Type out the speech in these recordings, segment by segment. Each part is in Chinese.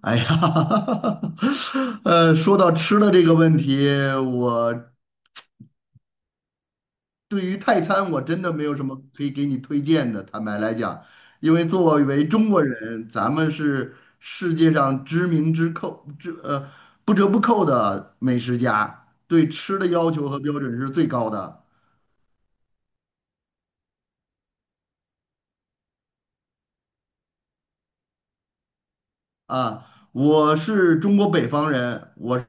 哎呀，说到吃的这个问题，我对于泰餐我真的没有什么可以给你推荐的。坦白来讲，因为作为中国人，咱们是世界上知名之扣之呃不折不扣的美食家，对吃的要求和标准是最高的啊。我是中国北方人，我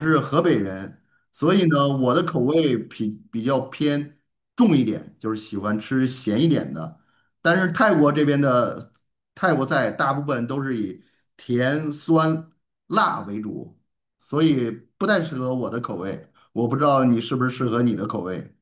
是河北人，所以呢，我的口味比较偏重一点，就是喜欢吃咸一点的。但是泰国这边的泰国菜大部分都是以甜、酸、辣为主，所以不太适合我的口味。我不知道你是不是适合你的口味。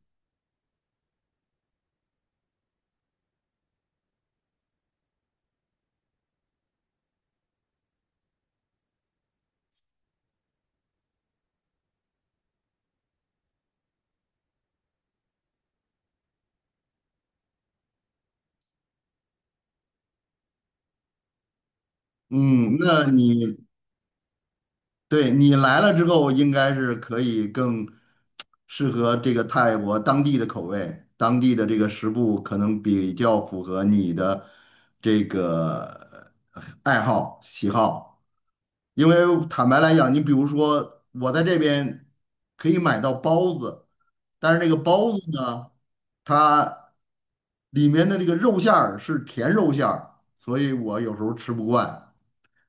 嗯，那你对你来了之后，应该是可以更适合这个泰国当地的口味，当地的这个食物可能比较符合你的这个爱好喜好。因为坦白来讲，你比如说我在这边可以买到包子，但是这个包子呢，它里面的这个肉馅儿是甜肉馅儿，所以我有时候吃不惯。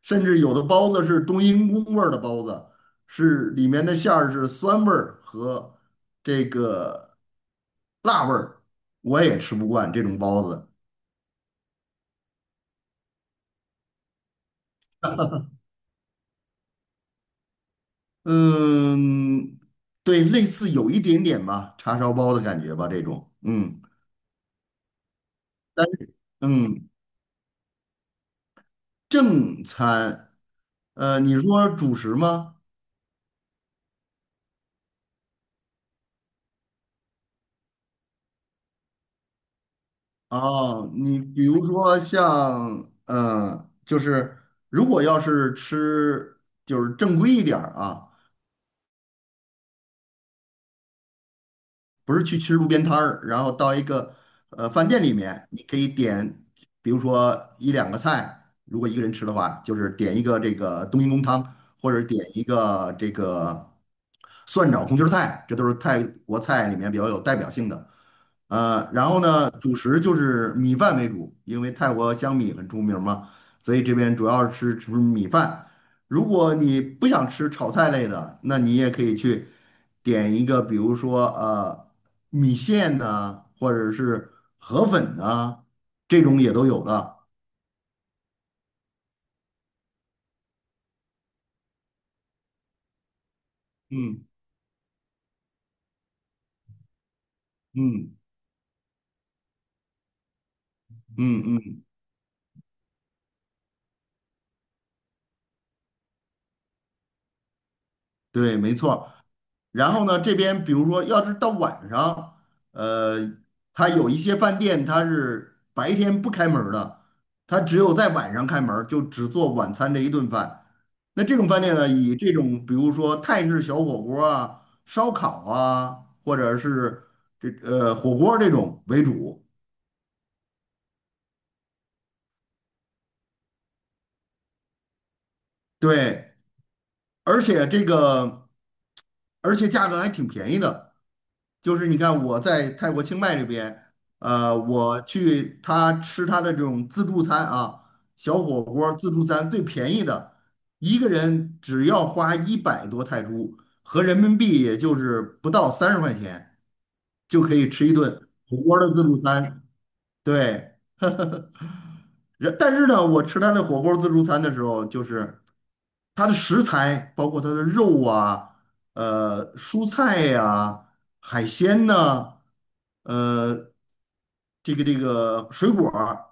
甚至有的包子是冬阴功味儿的包子，是里面的馅儿是酸味儿和这个辣味儿，我也吃不惯这种包子。嗯，对，类似有一点点吧，叉烧包的感觉吧，这种。嗯，但是嗯，正餐，你说主食吗？哦，你比如说像，就是如果要是吃就是正规一点儿啊。不是去吃路边摊儿，然后到一个饭店里面，你可以点，比如说一两个菜，如果一个人吃的话，就是点一个这个冬阴功汤，或者点一个这个蒜炒红心儿菜，这都是泰国菜里面比较有代表性的。然后呢，主食就是米饭为主，因为泰国香米很出名嘛，所以这边主要是吃米饭。如果你不想吃炒菜类的，那你也可以去点一个，比如说米线呐、或者是河粉呐、这种也都有的。嗯嗯嗯嗯，对，没错儿。然后呢，这边比如说，要是到晚上，呃，它有一些饭店它是白天不开门儿的，它只有在晚上开门儿，就只做晚餐这一顿饭。那这种饭店呢，以这种比如说泰式小火锅啊、烧烤啊，或者是这火锅这种为主。对。而且这个，而且价格还挺便宜的。就是你看我在泰国清迈这边，我去他吃他的这种自助餐啊，小火锅儿自助餐最便宜的，一个人只要花100多泰铢，合人民币也就是不到30块钱，就可以吃一顿火锅儿的自助餐。对，但是呢，我吃他的火锅儿自助餐的时候，就是，它的食材包括它的肉啊、蔬菜呀、海鲜呐、呃这个水果儿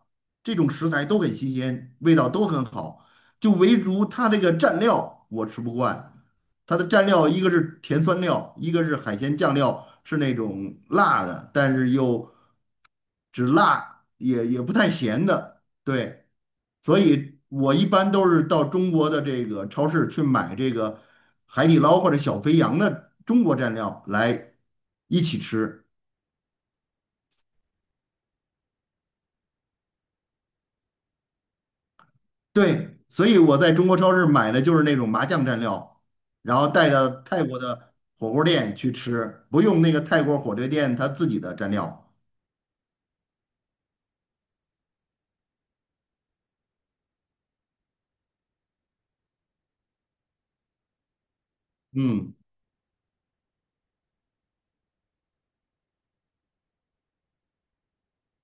这种食材都很新鲜，味道都很好。就唯独它这个蘸料我吃不惯，它的蘸料一个是甜酸料，一个是海鲜酱料，是那种辣的，但是又只辣也不太咸的，对。所以我一般都是到中国的这个超市去买这个海底捞或者小肥羊的中国蘸料来一起吃。对，所以我在中国超市买的就是那种麻酱蘸料，然后带到泰国的火锅店去吃，不用那个泰国火锅店他自己的蘸料。嗯，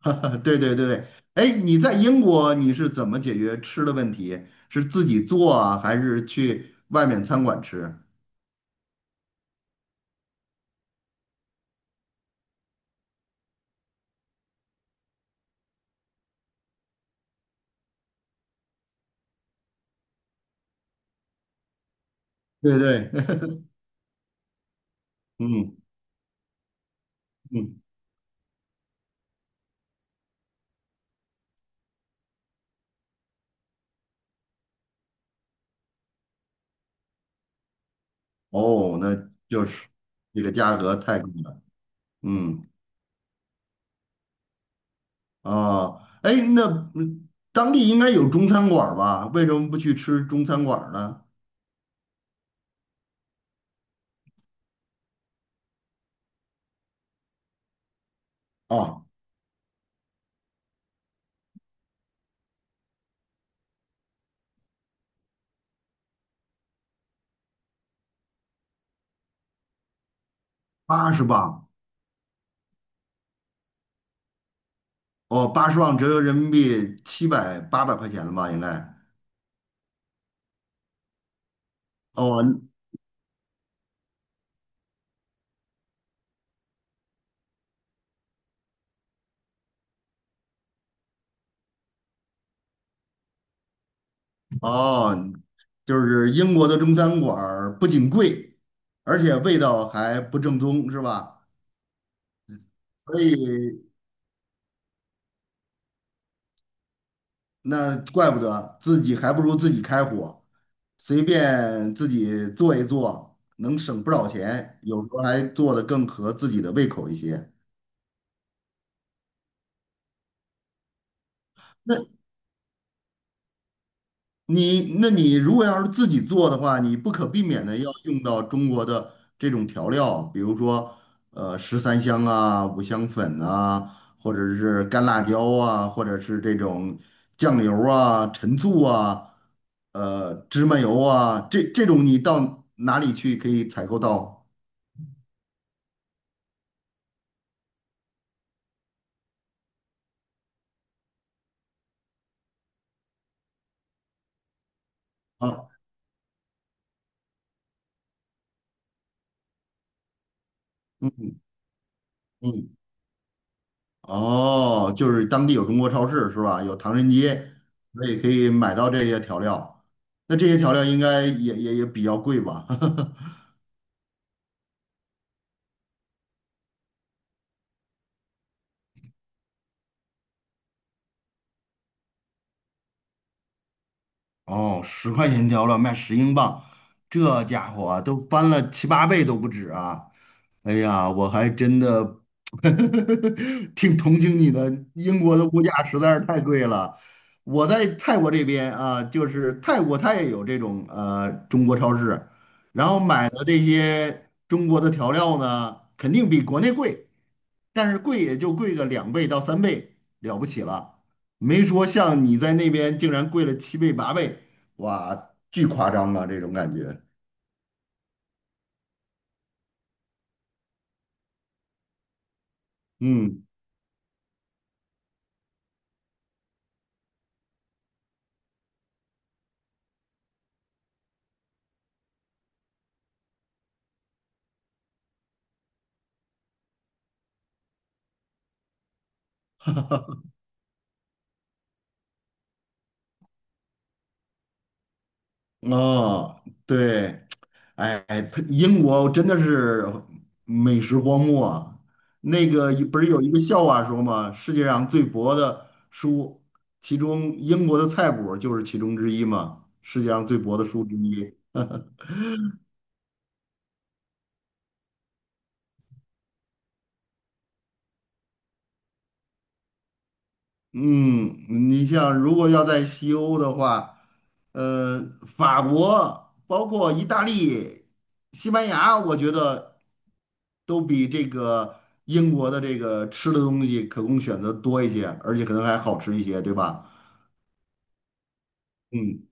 对对对对。哎，你在英国你是怎么解决吃的问题？是自己做啊，还是去外面餐馆吃？对对，嗯嗯。哦，那就是这个价格太贵了。嗯啊，哎，那当地应该有中餐馆儿吧？为什么不去吃中餐馆儿呢？哦，八十磅，哦，八十磅折合人民币七百八百块钱了吧？应该。哦哦，就是英国的中餐馆儿不仅贵，而且味道还不正宗，是吧？所以。那怪不得自己还不如自己开火，随便自己做一做，能省不少钱，有时候还做的更合自己的胃口一些。那那你如果要是自己做的话，你不可避免的要用到中国的这种调料，比如说十三香啊、五香粉啊，或者是干辣椒啊，或者是这种酱油啊、陈醋啊、芝麻油啊，这种你到哪里去可以采购到啊？嗯嗯。哦，就是当地有中国超市是吧？有唐人街，所以可以买到这些调料。那这些调料应该也比较贵吧？哦，10块钱一条了，卖10英镑，这家伙都翻了七八倍都不止啊！哎呀，我还真的 挺同情你的，英国的物价实在是太贵了。我在泰国这边啊，就是泰国它也有这种中国超市，然后买的这些中国的调料呢，肯定比国内贵，但是贵也就贵个2倍到3倍，了不起了。没说像你在那边竟然贵了七倍八倍，哇，巨夸张啊，这种感觉。嗯，哦，对，哎，它英国真的是美食荒漠啊。那个不是有一个笑话说吗？世界上最薄的书，其中英国的菜谱就是其中之一嘛，世界上最薄的书之一。嗯，你像如果要在西欧的话，呃，法国包括意大利、西班牙，我觉得都比这个英国的这个吃的东西可供选择多一些，而且可能还好吃一些，对吧？嗯，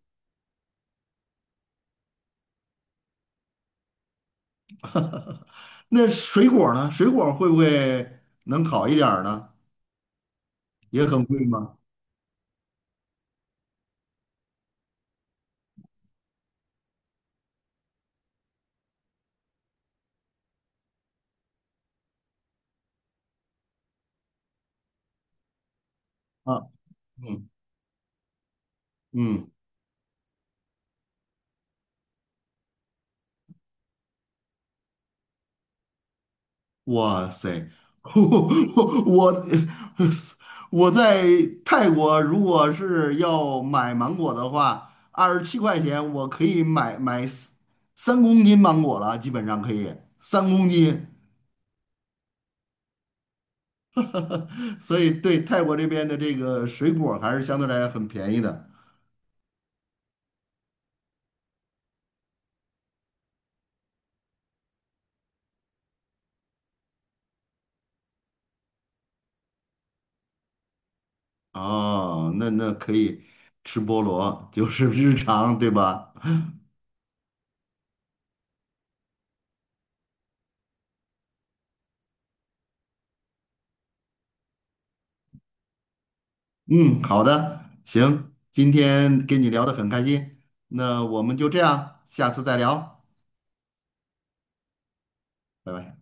那水果儿呢？水果儿会不会能好一点儿呢？也很贵吗？啊，嗯嗯。哇塞，我我在泰国，如果是要买芒果的话，27块钱我可以买三公斤芒果了，基本上可以三公斤。所以对泰国这边的这个水果还是相对来讲很便宜的。哦，那那可以吃菠萝，就是日常，对吧？嗯，好的，行，今天跟你聊的很开心，那我们就这样，下次再聊。拜拜。